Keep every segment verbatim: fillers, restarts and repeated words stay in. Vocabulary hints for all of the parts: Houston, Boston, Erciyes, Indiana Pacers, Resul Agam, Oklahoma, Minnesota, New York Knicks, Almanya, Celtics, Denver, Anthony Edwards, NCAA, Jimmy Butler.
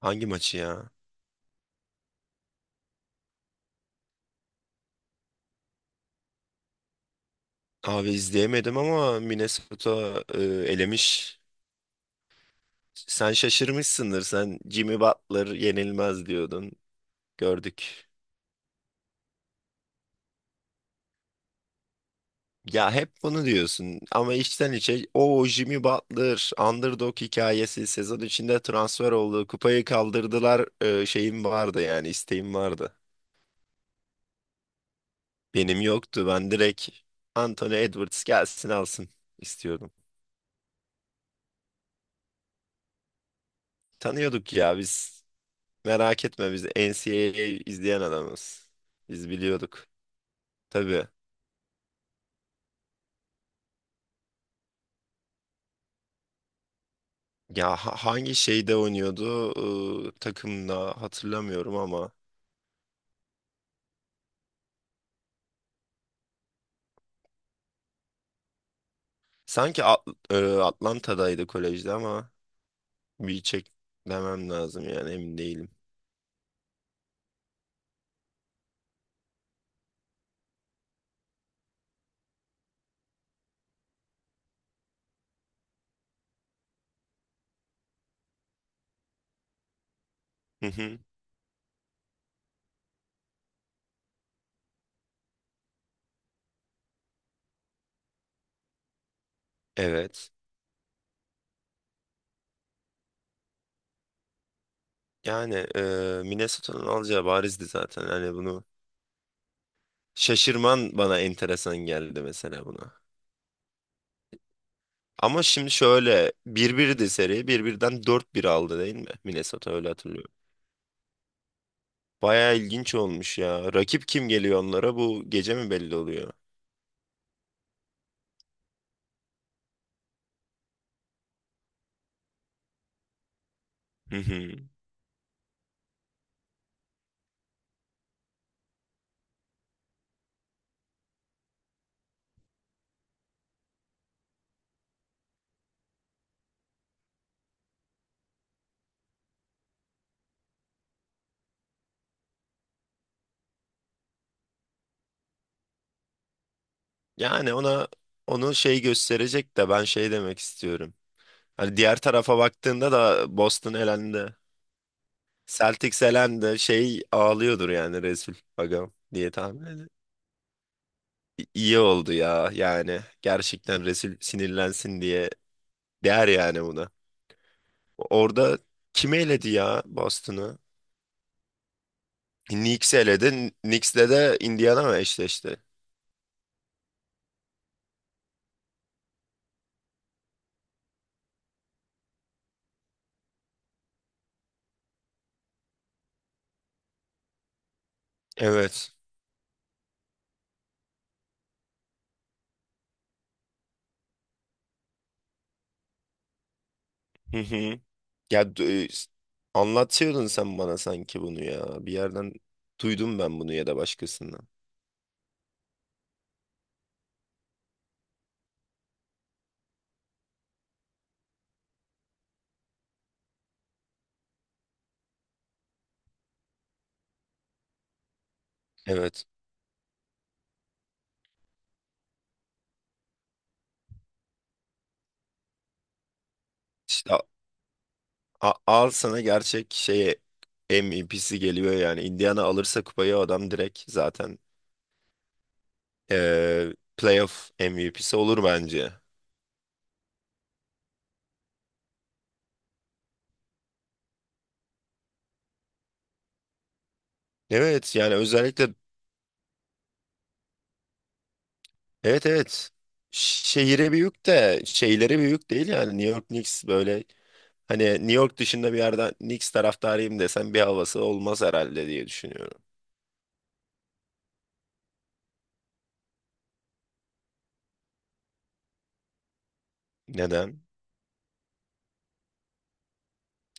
Hangi maçı ya? Abi izleyemedim ama Minnesota e, elemiş. Sen şaşırmışsındır. Sen Jimmy Butler yenilmez diyordun. Gördük. Ya hep bunu diyorsun ama içten içe o Jimmy Butler underdog hikayesi sezon içinde transfer oldu. Kupayı kaldırdılar. E, şeyim vardı yani isteğim vardı. Benim yoktu. Ben direkt Anthony Edwards gelsin alsın istiyordum. Tanıyorduk ya biz. Merak etme, biz N C A A izleyen adamız. Biz biliyorduk. Tabii. Ya ha- hangi şeyde oynuyordu? Iı, takımda hatırlamıyorum ama sanki At- ıı, Atlanta'daydı kolejde ama bir çek demem lazım, yani emin değilim. Hı hı. Evet. Yani ıı, Minnesota'nın alacağı barizdi zaten. Hani bunu şaşırman bana enteresan geldi mesela, buna. Ama şimdi şöyle bir 1di seri. bir birden dört bir aldı değil mi? Minnesota, öyle hatırlıyorum. Baya ilginç olmuş ya. Rakip kim geliyor onlara? Bu gece mi belli oluyor? Hı hı. Yani ona onu şey gösterecek de, ben şey demek istiyorum. Hani diğer tarafa baktığında da Boston elendi. Celtics elendi. Şey ağlıyordur yani Resul Agam, diye tahmin ediyorum. İ- İyi oldu ya yani. Gerçekten Resul sinirlensin diye der yani buna. Orada kim eledi ya Boston'ı? Knicks eledi. Knicks'le de Indiana mı eşleşti? Evet. Ya d- anlatıyordun sen bana sanki bunu ya. Bir yerden duydum ben bunu, ya da başkasından. Evet. İşte a- al sana gerçek şeye M V P'si geliyor yani. Indiana alırsa kupayı adam direkt zaten eee, playoff M V P'si olur bence. Evet, yani özellikle evet, evet, şehire büyük de şeylere büyük değil yani. New York Knicks böyle, hani New York dışında bir yerden Knicks taraftarıyım desen bir havası olmaz herhalde, diye düşünüyorum. Neden?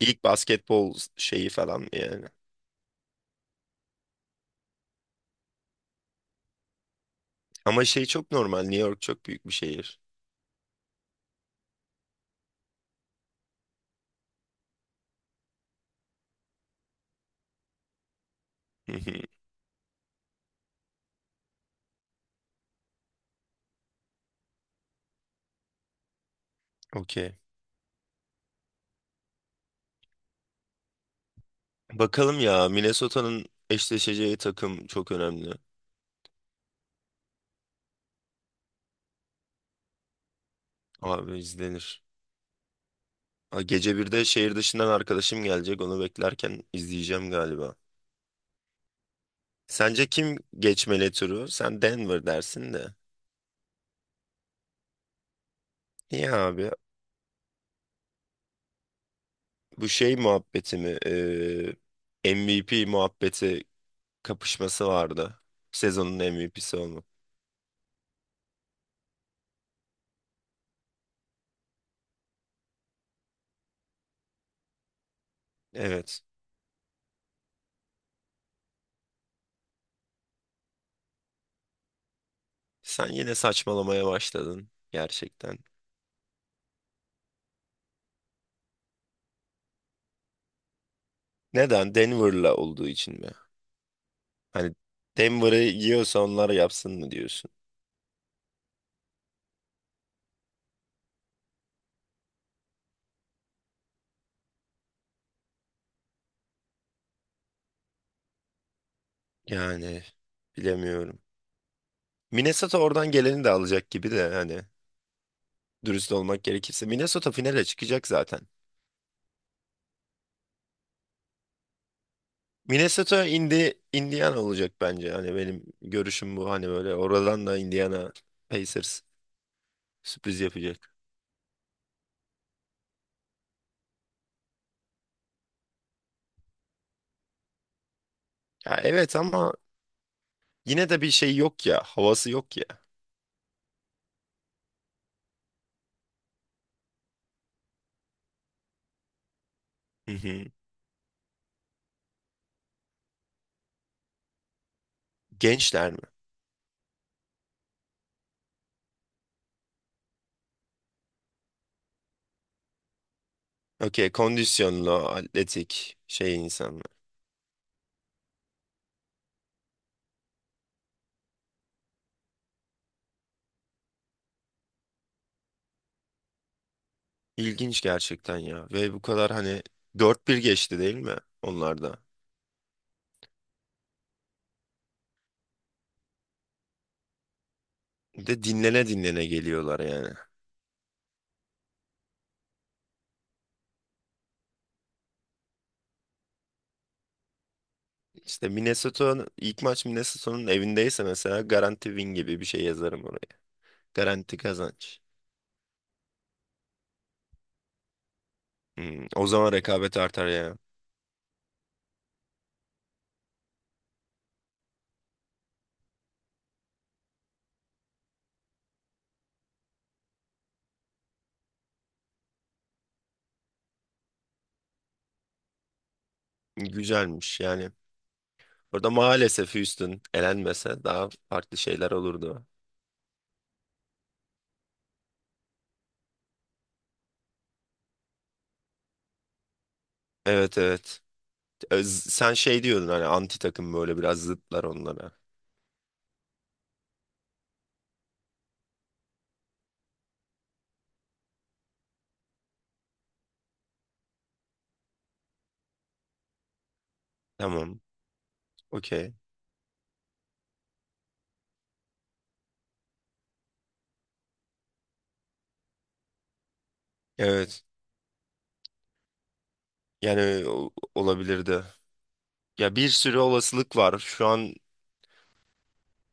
İlk basketbol şeyi falan yani. Ama şey çok normal, New York çok büyük bir şehir. Hı hı. Okey. Bakalım ya, Minnesota'nın eşleşeceği takım çok önemli. Abi izlenir. Aa, gece birde şehir dışından arkadaşım gelecek. Onu beklerken izleyeceğim galiba. Sence kim geçmeli turu? Sen Denver dersin de. İyi abi. Bu şey muhabbeti mi? Ee, M V P muhabbeti, kapışması vardı. Sezonun M V P'si olmak. Evet. Sen yine saçmalamaya başladın gerçekten. Neden? Denver'la olduğu için mi? Hani Denver'ı yiyorsa onlar yapsın mı diyorsun? Yani bilemiyorum. Minnesota oradan geleni de alacak gibi de hani, dürüst olmak gerekirse. Minnesota finale çıkacak zaten. Minnesota indi, Indiana olacak bence. Hani benim görüşüm bu. Hani böyle oradan da Indiana Pacers sürpriz yapacak. Ya evet ama yine de bir şey yok ya. Havası yok ya. Hı hı. Gençler mi? Okey, kondisyonlu, atletik şey insanlar. İlginç gerçekten ya. Ve bu kadar hani dört bir geçti değil mi onlarda? Bir de dinlene dinlene geliyorlar yani. İşte Minnesota, ilk maç Minnesota'nın evindeyse mesela garanti win gibi bir şey yazarım oraya. Garanti kazanç. Hmm, o zaman rekabet artar ya. Güzelmiş yani. Orada maalesef Houston elenmese daha farklı şeyler olurdu. Evet, evet. Öz- Sen şey diyordun hani, anti takım böyle biraz zıtlar onlara. Tamam. Okey. Evet. Yani e, o- olabilirdi. Ya bir sürü olasılık var. Şu an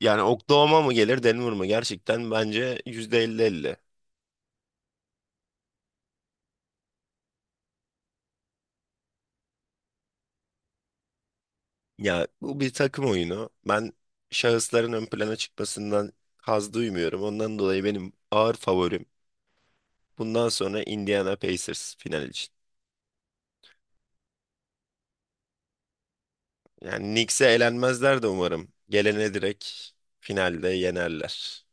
yani Oklahoma mı gelir Denver mı? Gerçekten bence yüzde elli elli. Ya bu bir takım oyunu. Ben şahısların ön plana çıkmasından haz duymuyorum. Ondan dolayı benim ağır favorim, bundan sonra Indiana Pacers final için. Yani Knicks'e elenmezler de umarım. Gelene direkt finalde yenerler.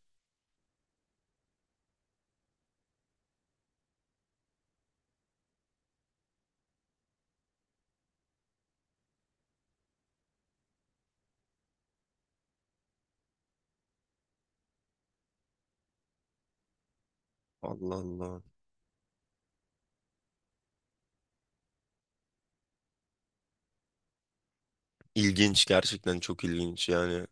Allah Allah. İlginç, gerçekten çok ilginç yani.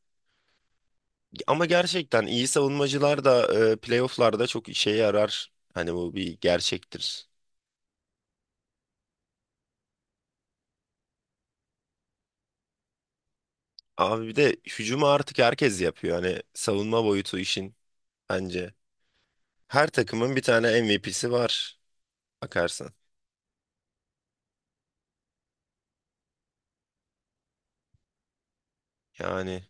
Ama gerçekten iyi savunmacılar da e, playofflarda çok işe yarar. Hani bu bir gerçektir. Abi bir de hücumu artık herkes yapıyor. Hani savunma boyutu işin, bence. Her takımın bir tane M V P'si var bakarsan. Yani